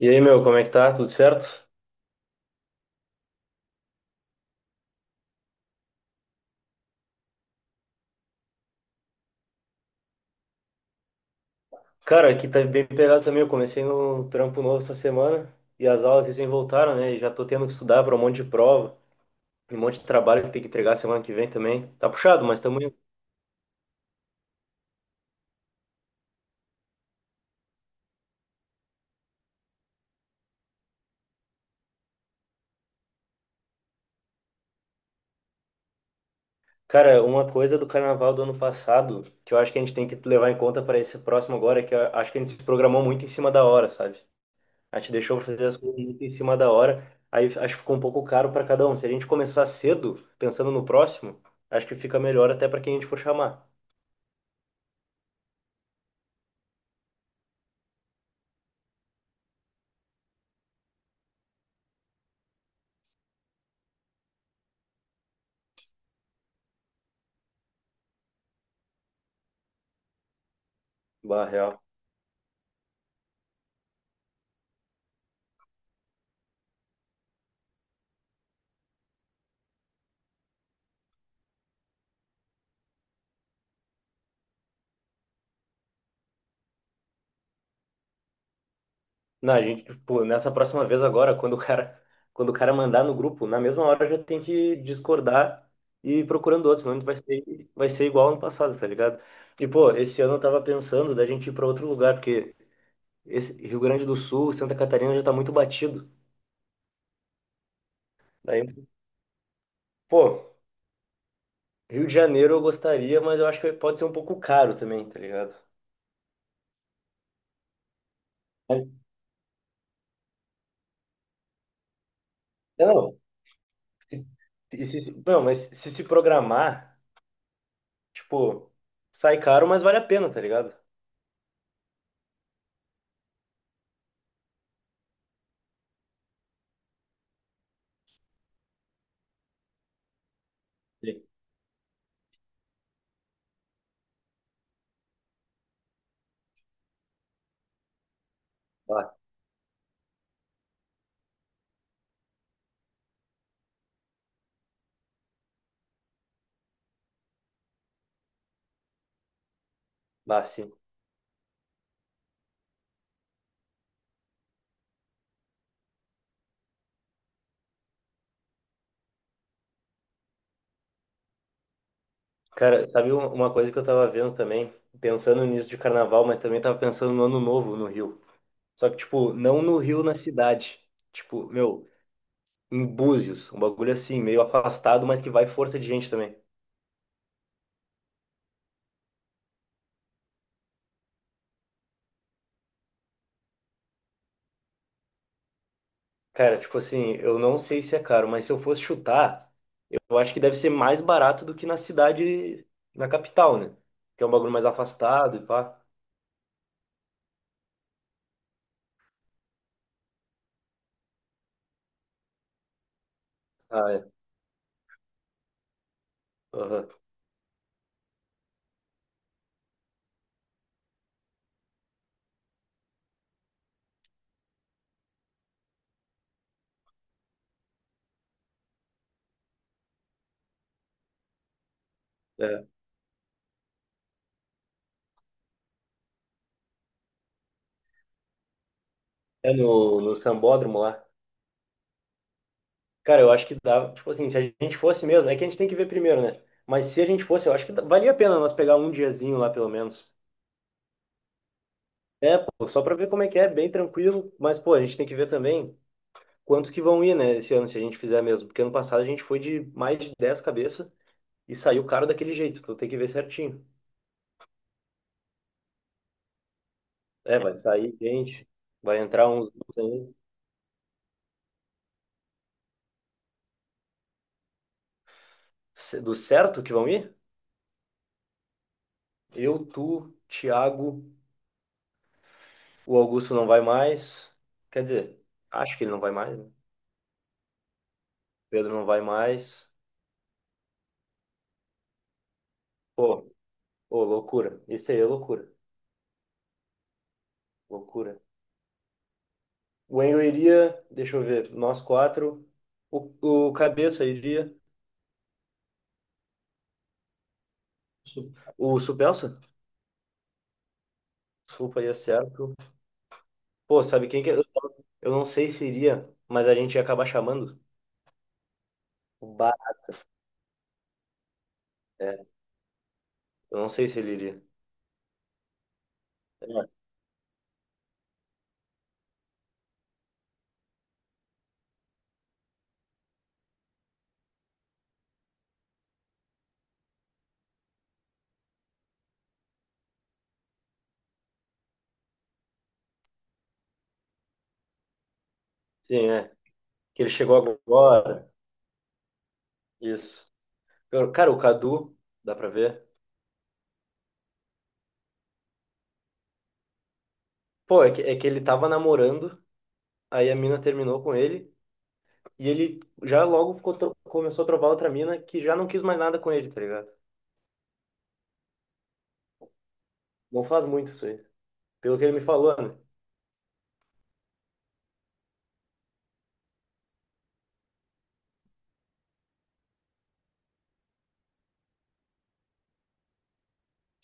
E aí, meu, como é que tá? Tudo certo? Cara, aqui tá bem pegado também. Eu comecei no trampo novo essa semana e as aulas recém voltaram, né? E já tô tendo que estudar para um monte de prova e um monte de trabalho que tem que entregar semana que vem também. Tá puxado, mas tamo indo. Cara, uma coisa do carnaval do ano passado que eu acho que a gente tem que levar em conta para esse próximo agora é que eu acho que a gente se programou muito em cima da hora, sabe? A gente deixou pra fazer as coisas muito em cima da hora, aí acho que ficou um pouco caro para cada um. Se a gente começar cedo, pensando no próximo, acho que fica melhor até para quem a gente for chamar. Bah, real. Não, a gente, tipo, nessa próxima vez agora, quando o cara mandar no grupo, na mesma hora já tem que discordar e ir procurando outros, senão a gente vai ser igual ano passado, tá ligado? E, pô, esse ano eu tava pensando da gente ir pra outro lugar, porque esse Rio Grande do Sul, Santa Catarina já tá muito batido. Daí, pô, Rio de Janeiro eu gostaria, mas eu acho que pode ser um pouco caro também, tá ligado? É. Não, se- não, mas se programar, tipo, sai caro, mas vale a pena, tá ligado? Sim. Bah, bah, sim. Cara, sabe uma coisa que eu tava vendo também? Pensando nisso de carnaval, mas também tava pensando no Ano Novo no Rio. Só que, tipo, não no Rio, na cidade. Tipo, meu, em Búzios. Um bagulho assim, meio afastado, mas que vai força de gente também. Cara, tipo assim, eu não sei se é caro, mas se eu fosse chutar, eu acho que deve ser mais barato do que na cidade, na capital, né? Que é um bagulho mais afastado e pá. Ah, é. Aham. É, é no Sambódromo lá. Cara, eu acho que dá, tipo assim, se a gente fosse mesmo, é que a gente tem que ver primeiro, né? Mas se a gente fosse, eu acho que valia a pena nós pegar um diazinho lá, pelo menos. É, pô, só pra ver como é que é, bem tranquilo, mas, pô, a gente tem que ver também quantos que vão ir, né, esse ano, se a gente fizer mesmo. Porque ano passado a gente foi de mais de 10 cabeças e saiu caro daquele jeito, então tem que ver certinho. É, vai sair gente, vai entrar uns aí. C- Do certo que vão ir? Eu, tu, Thiago, o Augusto não vai mais. Quer dizer, acho que ele não vai mais, né? Pedro não vai mais. Pô, pô, loucura. Esse aí é loucura. Loucura. O Enio iria, deixa eu ver, nós quatro. O Cabeça iria. O Supelsa? Supa ia certo. Pô, sabe quem que é? Eu não sei se iria, mas a gente ia acabar chamando. O Bar. É, eu não sei se ele iria. É, sim, é. Que ele chegou agora. Isso. Cara, o Cadu, dá pra ver. Pô, é que ele tava namorando, aí a mina terminou com ele. E ele já logo ficou, começou a trovar outra mina que já não quis mais nada com ele, tá ligado? Não faz muito isso aí. Pelo que ele me falou, né?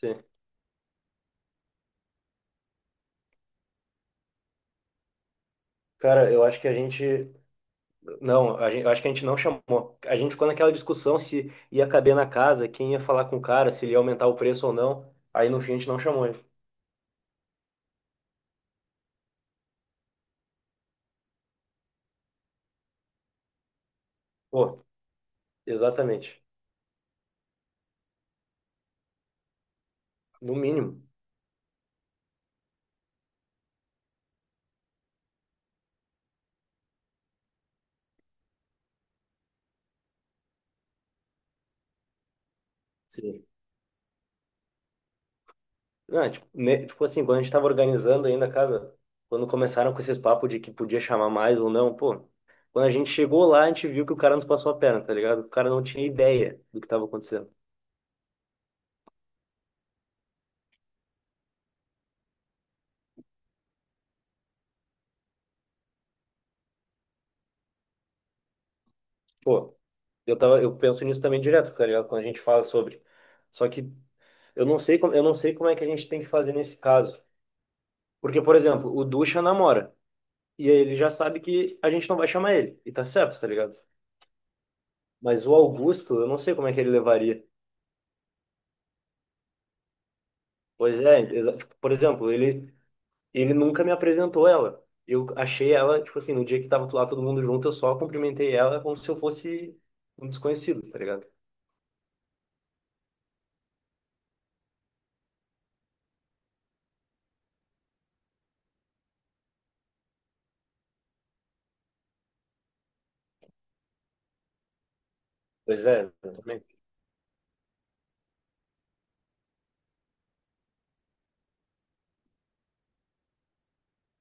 Sim. Cara, eu acho que a gente. Não, a gente, eu acho que a gente não chamou. A gente ficou naquela discussão se ia caber na casa, quem ia falar com o cara, se ele ia aumentar o preço ou não. Aí no fim a gente não chamou ele. Pô, exatamente. No mínimo. Sim. Não, é, tipo, tipo assim, quando a gente tava organizando ainda a casa, quando começaram com esses papos de que podia chamar mais ou não, pô, quando a gente chegou lá, a gente viu que o cara nos passou a perna, tá ligado? O cara não tinha ideia do que tava acontecendo. Pô, eu penso nisso também direto, tá ligado? Quando a gente fala sobre. Só que eu não sei como é que a gente tem que fazer nesse caso. Porque, por exemplo, o Ducha namora, e aí ele já sabe que a gente não vai chamar ele, e tá certo, tá ligado? Mas o Augusto, eu não sei como é que ele levaria. Pois é, exa- tipo, por exemplo, ele nunca me apresentou ela. Eu achei ela, tipo assim, no dia que tava lá todo mundo junto, eu só cumprimentei ela como se eu fosse um desconhecido, tá ligado? Pois é, eu também,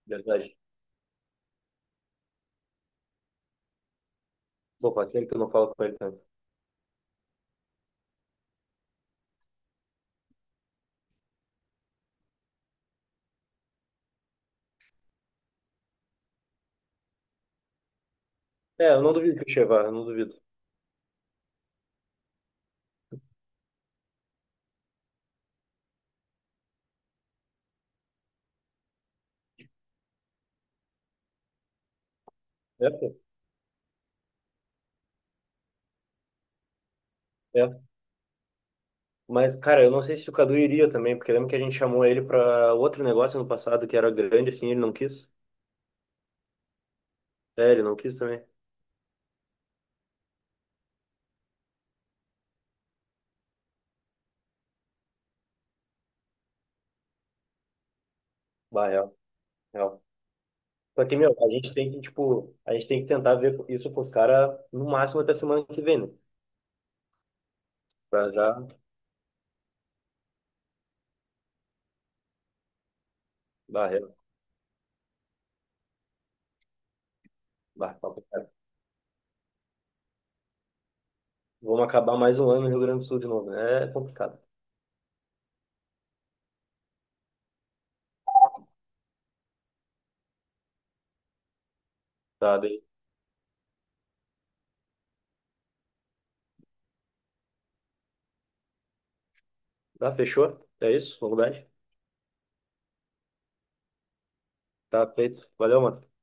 verdade. Pô, faz tempo que eu não falo com ele tanto. É, eu não duvido que o Che vá, eu não duvido. É, pô, é. Mas, cara, eu não sei se o Cadu iria também, porque lembra que a gente chamou ele pra outro negócio no passado que era grande, assim, ele não quis. É, ele não quis também. Bah, real, real. Só que, meu, a gente tem que, tipo, a gente tem que tentar ver isso pros caras no máximo até semana que vem, né? Pra já, bah, real. Bah, tá complicado. Vamos acabar mais um ano no Rio Grande do Sul de novo, né? É complicado. Tá, daí. Tá, fechou? É isso? Faculdade? Tá feito. Valeu, mano.